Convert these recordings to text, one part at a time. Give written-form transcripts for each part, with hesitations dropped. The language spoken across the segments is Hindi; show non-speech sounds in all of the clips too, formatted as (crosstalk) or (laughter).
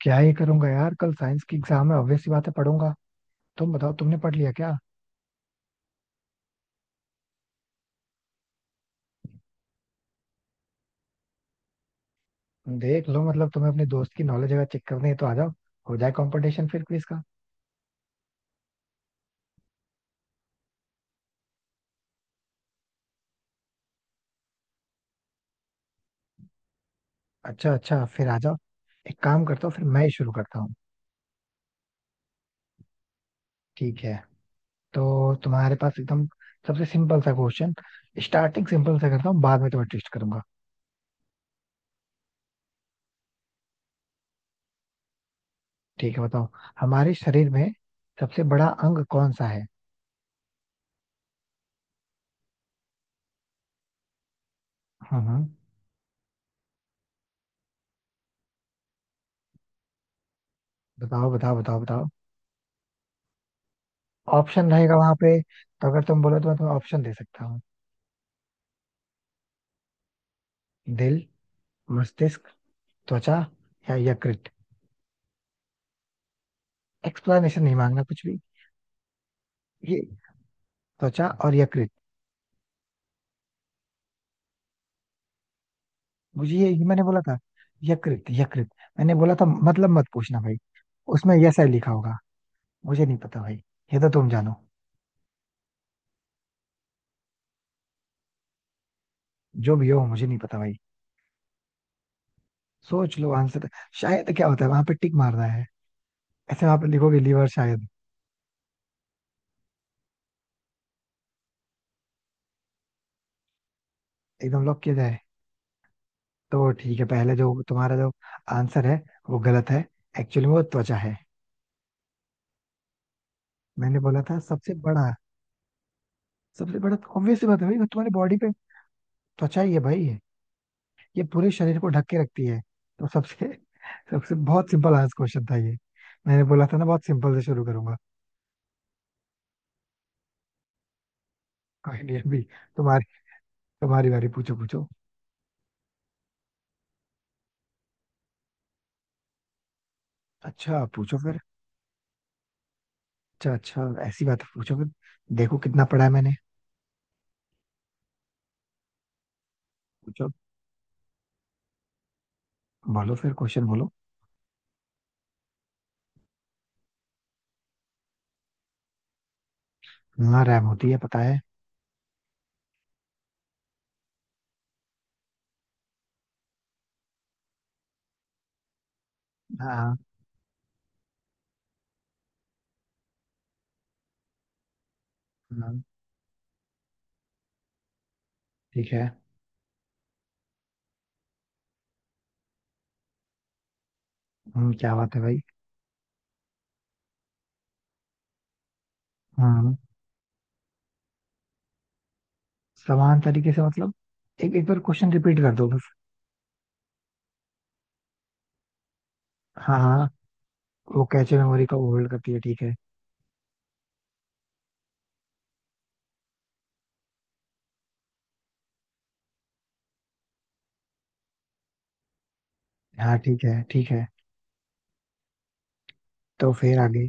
क्या ही करूंगा यार, कल साइंस की एग्जाम है, ऑब्वियस सी बात है, पढ़ूंगा। तुम बताओ, तुमने पढ़ लिया क्या। देख लो, मतलब तुम्हें अपने दोस्त की नॉलेज अगर चेक करनी है तो आ जाओ। हो जाए कंपटीशन फिर क्विज का। अच्छा अच्छा, फिर आ जाओ। एक काम करता हूँ, फिर मैं ही शुरू करता हूँ। ठीक है। तो तुम्हारे पास एकदम सबसे सिंपल सा क्वेश्चन। स्टार्टिंग सिंपल सा करता हूँ, बाद में तुम्हें ट्विस्ट करूंगा। ठीक है, बताओ। हमारे शरीर में सबसे बड़ा अंग कौन सा है। हम्म। बताओ बताओ बताओ बताओ। ऑप्शन रहेगा वहां पे, तो अगर तुम बोलो तो मैं तुम्हें ऑप्शन दे सकता हूँ। दिल, मस्तिष्क, त्वचा या यकृत। एक्सप्लेनेशन नहीं मांगना कुछ भी। ये, त्वचा और यकृत। मुझे ये मैंने बोला था। यकृत यकृत मैंने बोला था, मतलब मत पूछना भाई। उसमें यस आई लिखा होगा। मुझे नहीं पता भाई, ये तो तुम जानो। जो भी हो, मुझे नहीं पता भाई। सोच लो आंसर। शायद क्या होता है, वहां पे टिक मारना है। ऐसे वहां पे लिखोगे, लीवर शायद। एकदम लॉक किया जाए। तो ठीक है, पहले जो तुम्हारा जो आंसर है वो गलत है। एक्चुअली वो त्वचा है। मैंने बोला था सबसे बड़ा। सबसे बड़ा, ऑब्वियस बात है भाई, वो तुम्हारी बॉडी पे त्वचा ही है भाई। ये पूरे शरीर को ढक के रखती है। तो सबसे सबसे बहुत सिंपल आज क्वेश्चन था ये। मैंने बोला था ना, बहुत सिंपल से शुरू करूंगा। कोई नहीं, अभी तुम्हारी तुम्हारी बारी, पूछो पूछो। अच्छा पूछो फिर। अच्छा अच्छा, ऐसी बात है, पूछो फिर। देखो कितना पढ़ा है मैंने। पूछो, बोलो फिर क्वेश्चन बोलो। हाँ, रैम होती है पता है। हाँ हाँ, ठीक है। क्या बात है भाई। हाँ। समान तरीके से मतलब, एक एक बार क्वेश्चन रिपीट कर दो बस। हाँ हाँ, वो कैचे मेमोरी को होल्ड करती है, ठीक है। हाँ ठीक है ठीक है, तो फिर आगे।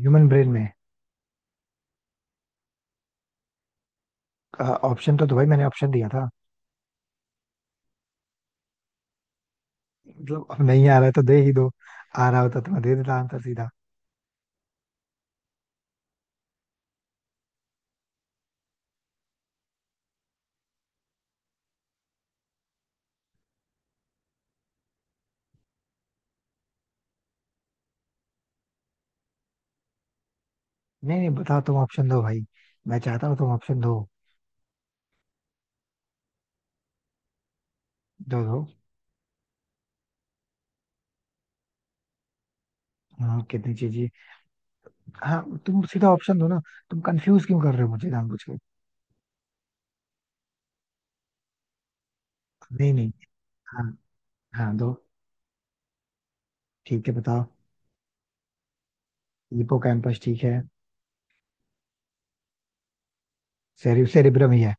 ह्यूमन ब्रेन में। ऑप्शन तो दो भाई, मैंने ऑप्शन दिया था। मतलब अब नहीं आ रहा है तो दे ही दो। आ रहा होता तो मैं दे देता आंसर सीधा। नहीं नहीं, बताओ तुम ऑप्शन दो भाई। मैं चाहता हूँ तुम ऑप्शन दो। दो दो। हाँ, कितनी चीजें। हाँ तुम सीधा ऑप्शन दो ना। तुम कंफ्यूज क्यों कर रहे हो मुझे जानबूझ के। नहीं नहीं। हाँ हाँ, दो। ठीक है, बताओ। हिपोकैम्पस ठीक है। सेरिब्रम ही है।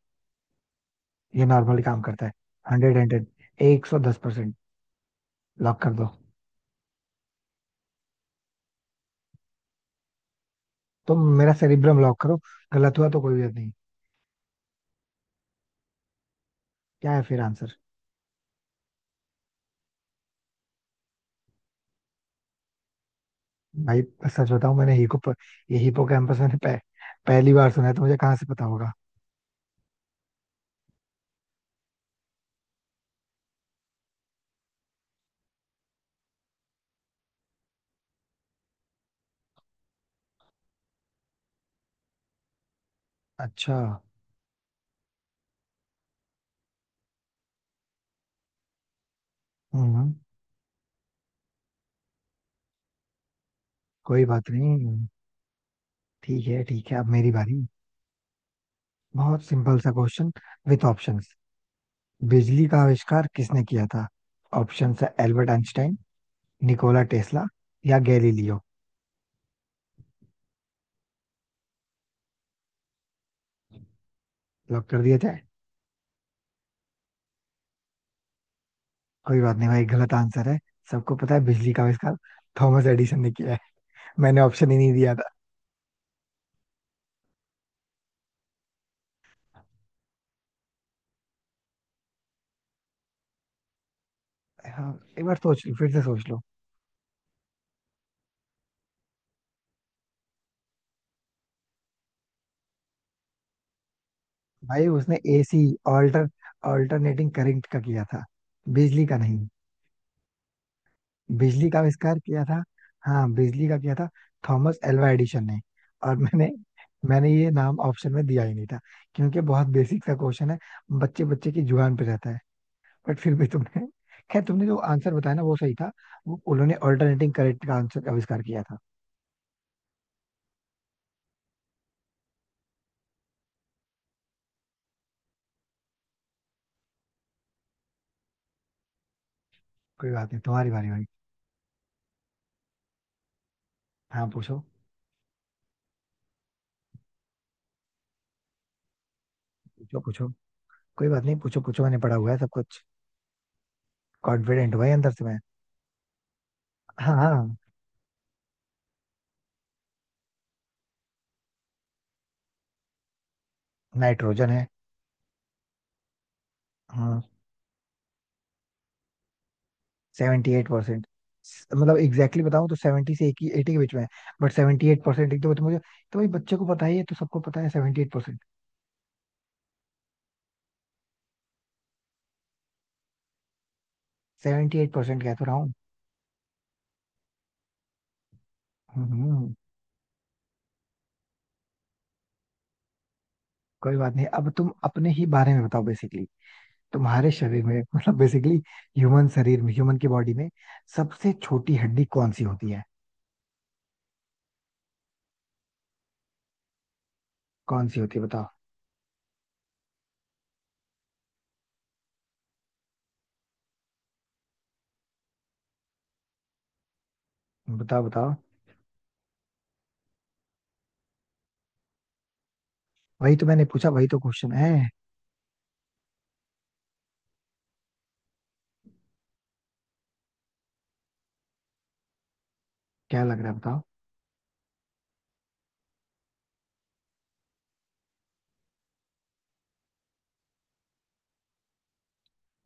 ये नॉर्मली काम करता है। Hundred hundred. 110%। लॉक कर दो। तुम मेरा सेरिब्रम लॉक करो। गलत हुआ तो कोई बात नहीं। क्या है फिर आंसर। भाई सच बताऊं, मैंने हिपो ये हिपो कैंपस मैंने पहली बार सुना है, तो मुझे कहाँ से पता होगा। अच्छा। हम्म। कोई बात नहीं, ठीक है ठीक है, अब मेरी बारी। बहुत सिंपल सा क्वेश्चन विथ ऑप्शंस। बिजली का आविष्कार किसने किया था। ऑप्शन है एल्बर्ट आइंस्टाइन, निकोला टेस्ला या गैलीलियो। लॉक कर दिया जाए। कोई बात नहीं भाई, गलत आंसर है। सबको पता है बिजली का आविष्कार थॉमस एडिसन ने किया है। मैंने ऑप्शन ही नहीं दिया था। हाँ, एक बार सोच लो, फिर से सोच लो। भाई उसने एसी, ऑल्टर ऑल्टरनेटिंग करंट का किया था, बिजली का नहीं। बिजली का आविष्कार किया था। हाँ, बिजली का किया था थॉमस एल्वा एडिसन ने। और मैंने मैंने ये नाम ऑप्शन में दिया ही नहीं था, क्योंकि बहुत बेसिक सा क्वेश्चन है। बच्चे बच्चे की जुबान पे रहता है। बट फिर भी तुमने खैर, तुमने जो आंसर बताया ना वो सही था। वो उन्होंने ऑल्टरनेटिंग करंट का आंसर आविष्कार किया था। कोई बात नहीं, तुम्हारी बारी भाई। हाँ पूछो पूछो पूछो। कोई बात नहीं, पूछो पूछो, मैंने पढ़ा हुआ है सब कुछ। कॉन्फिडेंट हुआ है अंदर से मैं। हाँ हाँ। नाइट्रोजन है। हाँ। 78%। मतलब एग्जैक्टली exactly बताऊं तो 70 से 80 के बीच में है। बट 78%, एक तो मुझे तो भाई, बच्चे को पता ही है, तो सबको पता है, 78%। 78% कह तो रहा हूँ। हम्म। कोई बात नहीं, अब तुम अपने ही बारे में बताओ बेसिकली। तुम्हारे शरीर में (laughs) मतलब बेसिकली, ह्यूमन शरीर में, ह्यूमन की बॉडी में सबसे छोटी हड्डी कौन सी होती है। कौन सी होती है बताओ। बताओ बताओ। वही तो मैंने पूछा, वही तो क्वेश्चन है। क्या लग रहा है बताओ।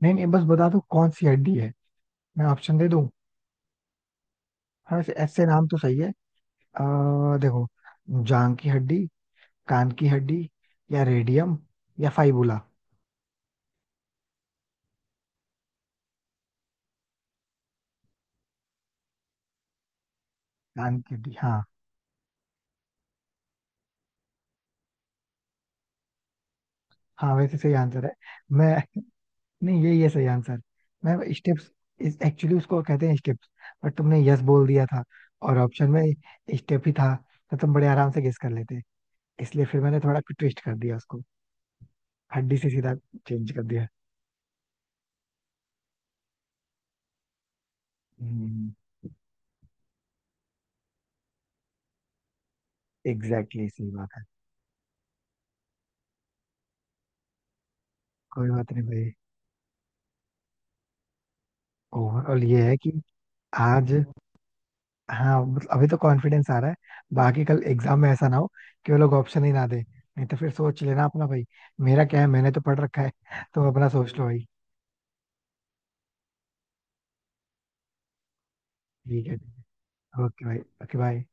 नहीं नहीं, बस बता दो कौन सी हड्डी है। मैं ऑप्शन दे दूं। हाँ वैसे, ऐसे नाम तो सही है। देखो। जांग की हड्डी, कान की हड्डी, या रेडियम या फाइबुला। कान की हड्डी हाँ। हाँ, वैसे सही आंसर है। मैं नहीं, यही है सही आंसर। मैं स्टेप्स, इस एक्चुअली उसको कहते हैं स्टेप्स। बट तुमने यस बोल दिया था, और ऑप्शन में स्टेप ही था, तो तुम बड़े आराम से गेस कर लेते। इसलिए फिर मैंने थोड़ा ट्विस्ट कर दिया उसको, हड्डी से सीधा चेंज कर दिया। हम्म। एग्जैक्टली exactly, सही बात है। कोई बात नहीं भाई। ओवरऑल ये है कि आज। हाँ मतलब अभी तो कॉन्फिडेंस आ रहा है। बाकी कल एग्जाम में ऐसा ना हो कि वो लोग ऑप्शन ही ना दे, नहीं तो फिर सोच लेना अपना भाई। मेरा क्या है, मैंने तो पढ़ रखा है। तुम अपना सोच लो भाई। ठीक है। ओके भाई। ओके भाई।